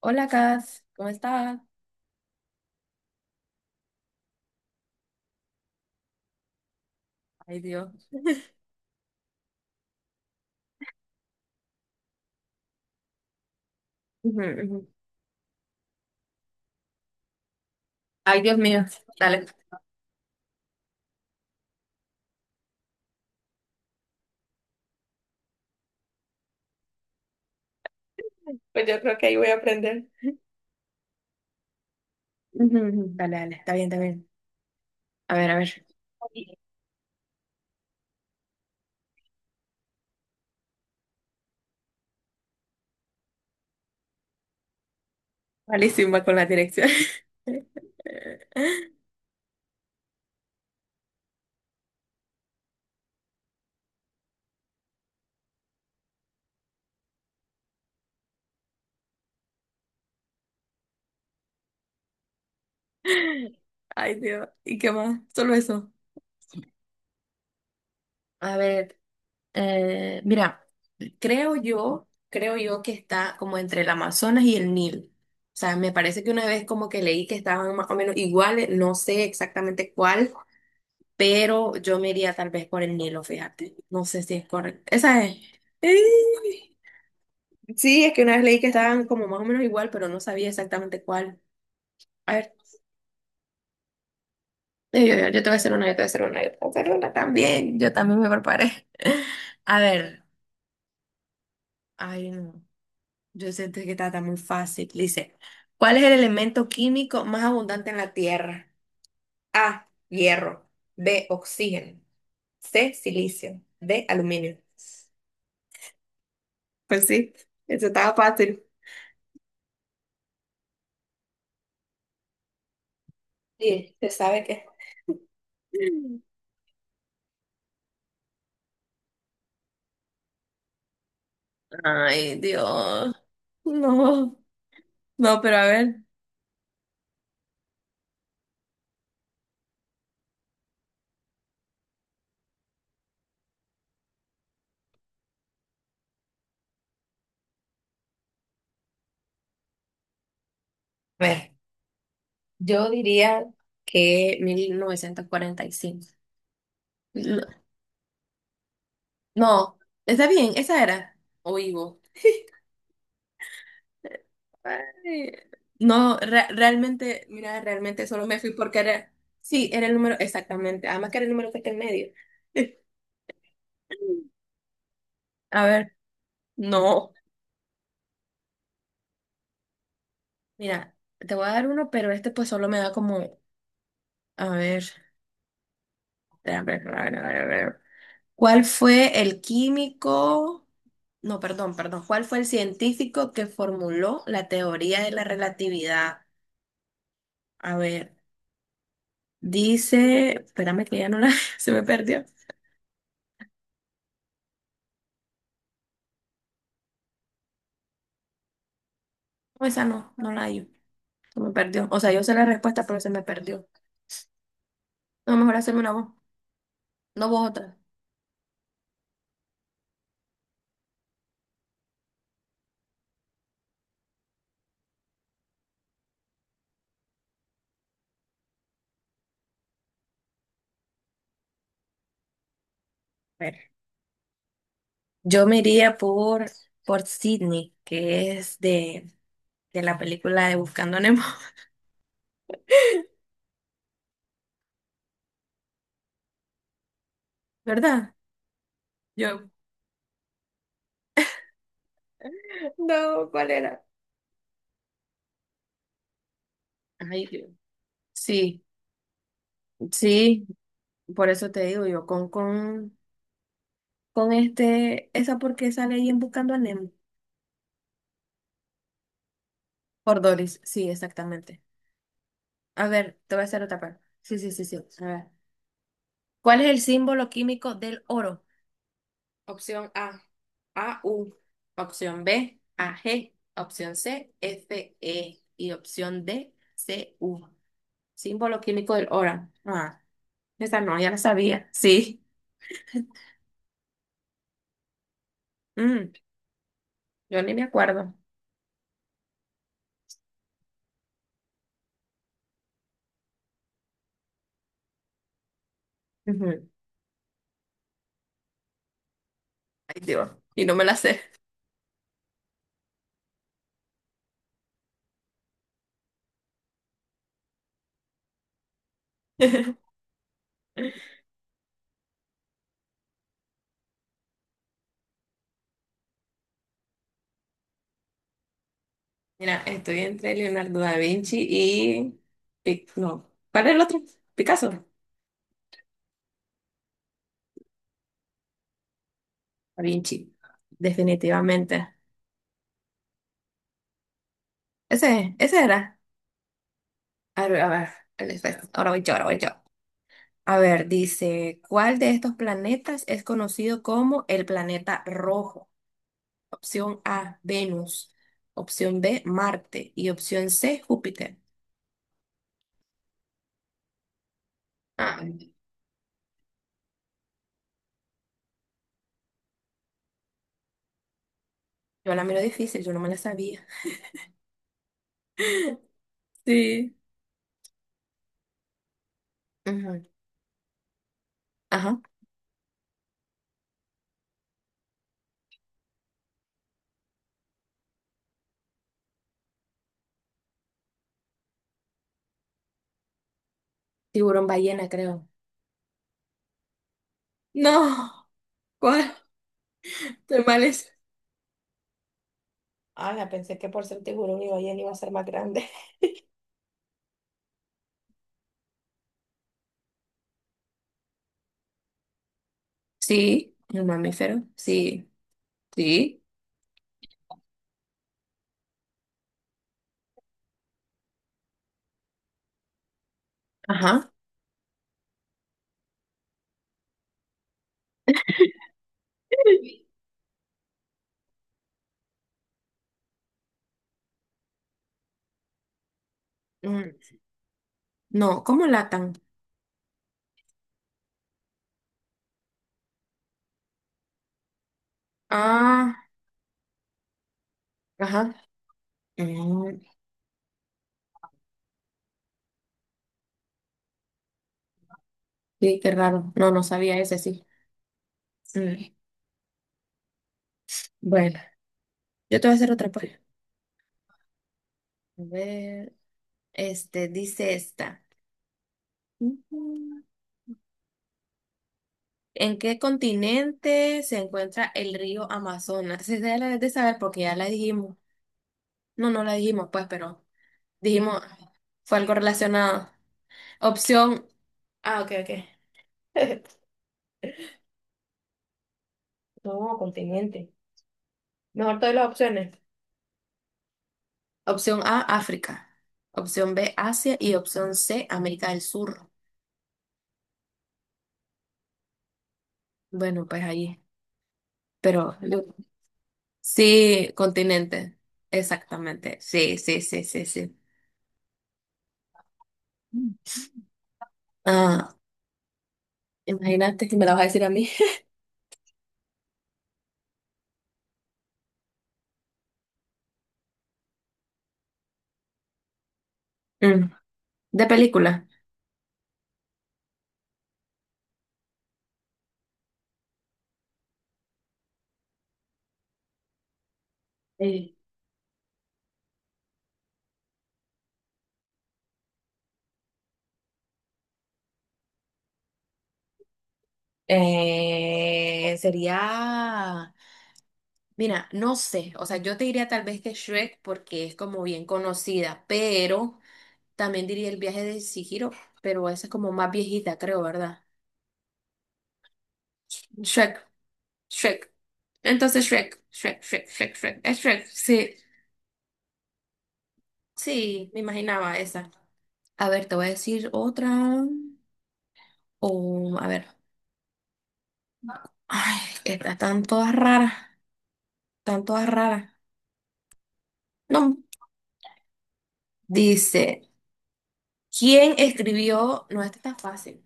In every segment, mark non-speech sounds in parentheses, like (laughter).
Hola, Cas, ¿cómo estás? Ay, Dios. (laughs) Ujú, ujú. Ay, Dios mío. Dale. Pues yo creo que ahí voy a aprender. Ujú, ujú. Dale, dale. Está bien, está bien. A ver, a ver. Malísima con la dirección. (laughs) Ay, Dios. ¿Y qué más? Solo eso. A ver, mira, creo yo que está como entre el Amazonas y el Nilo. O sea, me parece que una vez como que leí que estaban más o menos iguales, no sé exactamente cuál, pero yo me iría tal vez por el Nilo, fíjate. No sé si es correcto. Esa es. ¡Ey! Sí, es que una vez leí que estaban como más o menos igual, pero no sabía exactamente cuál. A ver, yo te voy a hacer una, yo te voy a hacer una, yo te voy a hacer una también. Yo también me preparé. (laughs) A ver, ay no, yo siento que está, tan muy fácil. Dice, ¿cuál es el elemento químico más abundante en la Tierra? A, hierro. B, oxígeno. C, silicio. D, aluminio. Pues sí, eso estaba fácil. Sí, se sabe que. Ay, Dios. No, no, pero a ver. A ver, yo diría que 1945. No, no, está bien, esa era. O Ivo. Ay, no, realmente, mira, realmente solo me fui porque era, sí, era el número, exactamente, además que era el número que está en medio. (laughs) A ver, no, mira, te voy a dar uno, pero este pues solo me da como, a ver, a ver. ¿Cuál fue el químico? No, perdón. ¿Cuál fue el científico que formuló la teoría de la relatividad? A ver, dice, espérame que ya no la, (laughs) se me perdió. No, esa no, no la hay. Se me perdió. O sea, yo sé la respuesta, pero se me perdió. No, mejor hacerme una voz. No vos otra. A ver. Yo me iría por Sidney, que es de la película de Buscando a Nemo, (laughs) ¿verdad? Yo. No, ¿cuál era? Ay, Dios. Sí. Sí, por eso te digo yo, con este, esa porque sale ahí en Buscando a Nemo. Por Doris, sí, exactamente. A ver, te voy a hacer otra parte. Sí, sí, sí, sí. A ver. ¿Cuál es el símbolo químico del oro? Opción A, AU. Opción B, AG. Opción C, FE. Y opción D, CU. Símbolo químico del oro. Ah, esa no, ya la sabía. Sí. Mm, yo ni me acuerdo. Ujú. Ay, Dios. Y no me la sé. (laughs) Mira, estoy entre Leonardo da Vinci y... No, ¿cuál era el otro? Picasso. Da Vinci, definitivamente. Ese era. A ver, a ver, el espejo. Ahora voy yo. A ver, dice, ¿cuál de estos planetas es conocido como el planeta rojo? Opción A, Venus. Opción B, Marte. Y opción C, Júpiter. Ah, yo la miro difícil, yo no me la sabía. Sí. Ujú. Ajá. Tiburón ballena, creo. No. ¿Cuál? ¿Animales? Ah, Ala, pensé que por ser tiburón y ballena iba a ser más grande. (laughs) Sí, el mamífero. Sí, sí. Ajá. Mm, No, ¿cómo latan? Ah, ajá. Mm, Sí, qué raro. No, no sabía ese, sí. Mm, Bueno, yo te voy a hacer otra pues. A ver, este, dice esta. Ujú. ¿En qué continente se encuentra el río Amazonas? Esa ya la debes de saber porque ya la dijimos. No, no la dijimos, pues, pero dijimos, fue algo relacionado. Opción, ah, ok, ok. (laughs) No, continente. Mejor todas las opciones. Opción A, África. Opción B, Asia. Y opción C, América del Sur. Bueno, pues ahí. Pero sí, continente. Exactamente. Sí, sí, sí, sí, sí. Mm. Ah, imagínate que me la vas a decir a mí. (laughs) Mm. De película. Sí. Sería. Mira, no sé, o sea, yo te diría tal vez que Shrek porque es como bien conocida, pero también diría el viaje de Chihiro, pero esa es como más viejita, creo, ¿verdad? Shrek, Shrek. Entonces Shrek, es Shrek, sí, sí, me imaginaba esa. A ver, te voy a decir otra, o a ver, ay, estas están todas raras, están todas raras. No, dice, ¿quién escribió? No, esta está fácil.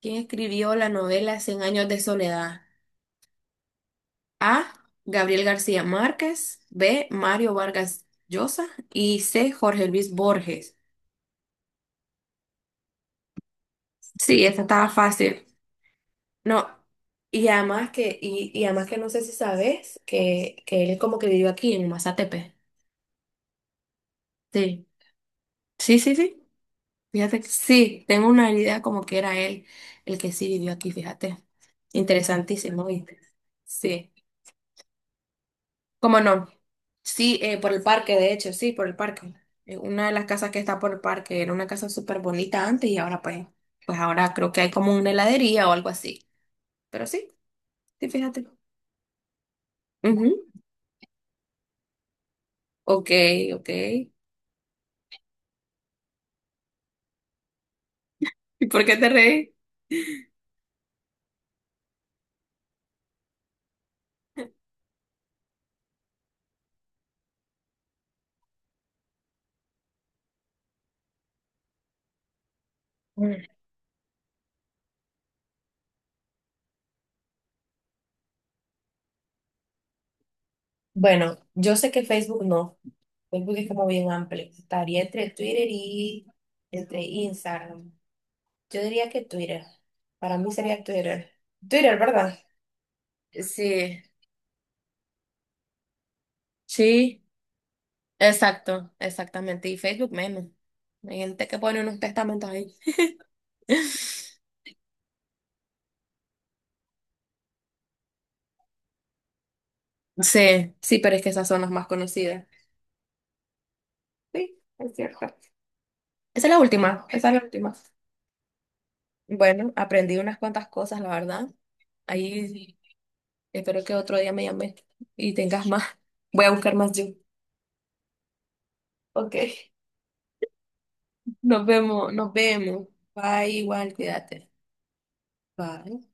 ¿Quién escribió la novela Cien años de soledad? A. Gabriel García Márquez. B. Mario Vargas Llosa. Y C. Jorge Luis Borges. Sí, esta estaba fácil. No. Y además que, y además que no sé si sabes que él como que vivió aquí en Mazatepe. Sí. Sí, sí, sí. Fíjate que sí, tengo una idea como que era él el que sí vivió aquí, fíjate. Interesantísimo, ¿viste? Sí. ¿Cómo no? Sí, por el parque, de hecho, sí, por el parque. Una de las casas que está por el parque era una casa súper bonita antes y ahora pues, pues ahora creo que hay como una heladería o algo así. Pero sí, sí, fíjate. Ujú. Ok, ok. ¿Y por qué te reí? Mm, Bueno, yo sé que Facebook no. Facebook es como bien amplio. Estaría entre Twitter y entre Instagram. Yo diría que Twitter. Para mí sería Twitter. Twitter, ¿verdad? Sí, sí. Exacto, exactamente. Y Facebook menos. Hay gente que pone unos testamentos ahí. (laughs) Sí, sí, pero es que esas son las más conocidas. Sí, es cierto. Esa es la última. Bueno, aprendí unas cuantas cosas, la verdad. Ahí espero que otro día me llames y tengas más. Voy a buscar más yo. Ok. Nos vemos. Bye, igual, cuídate. Bye.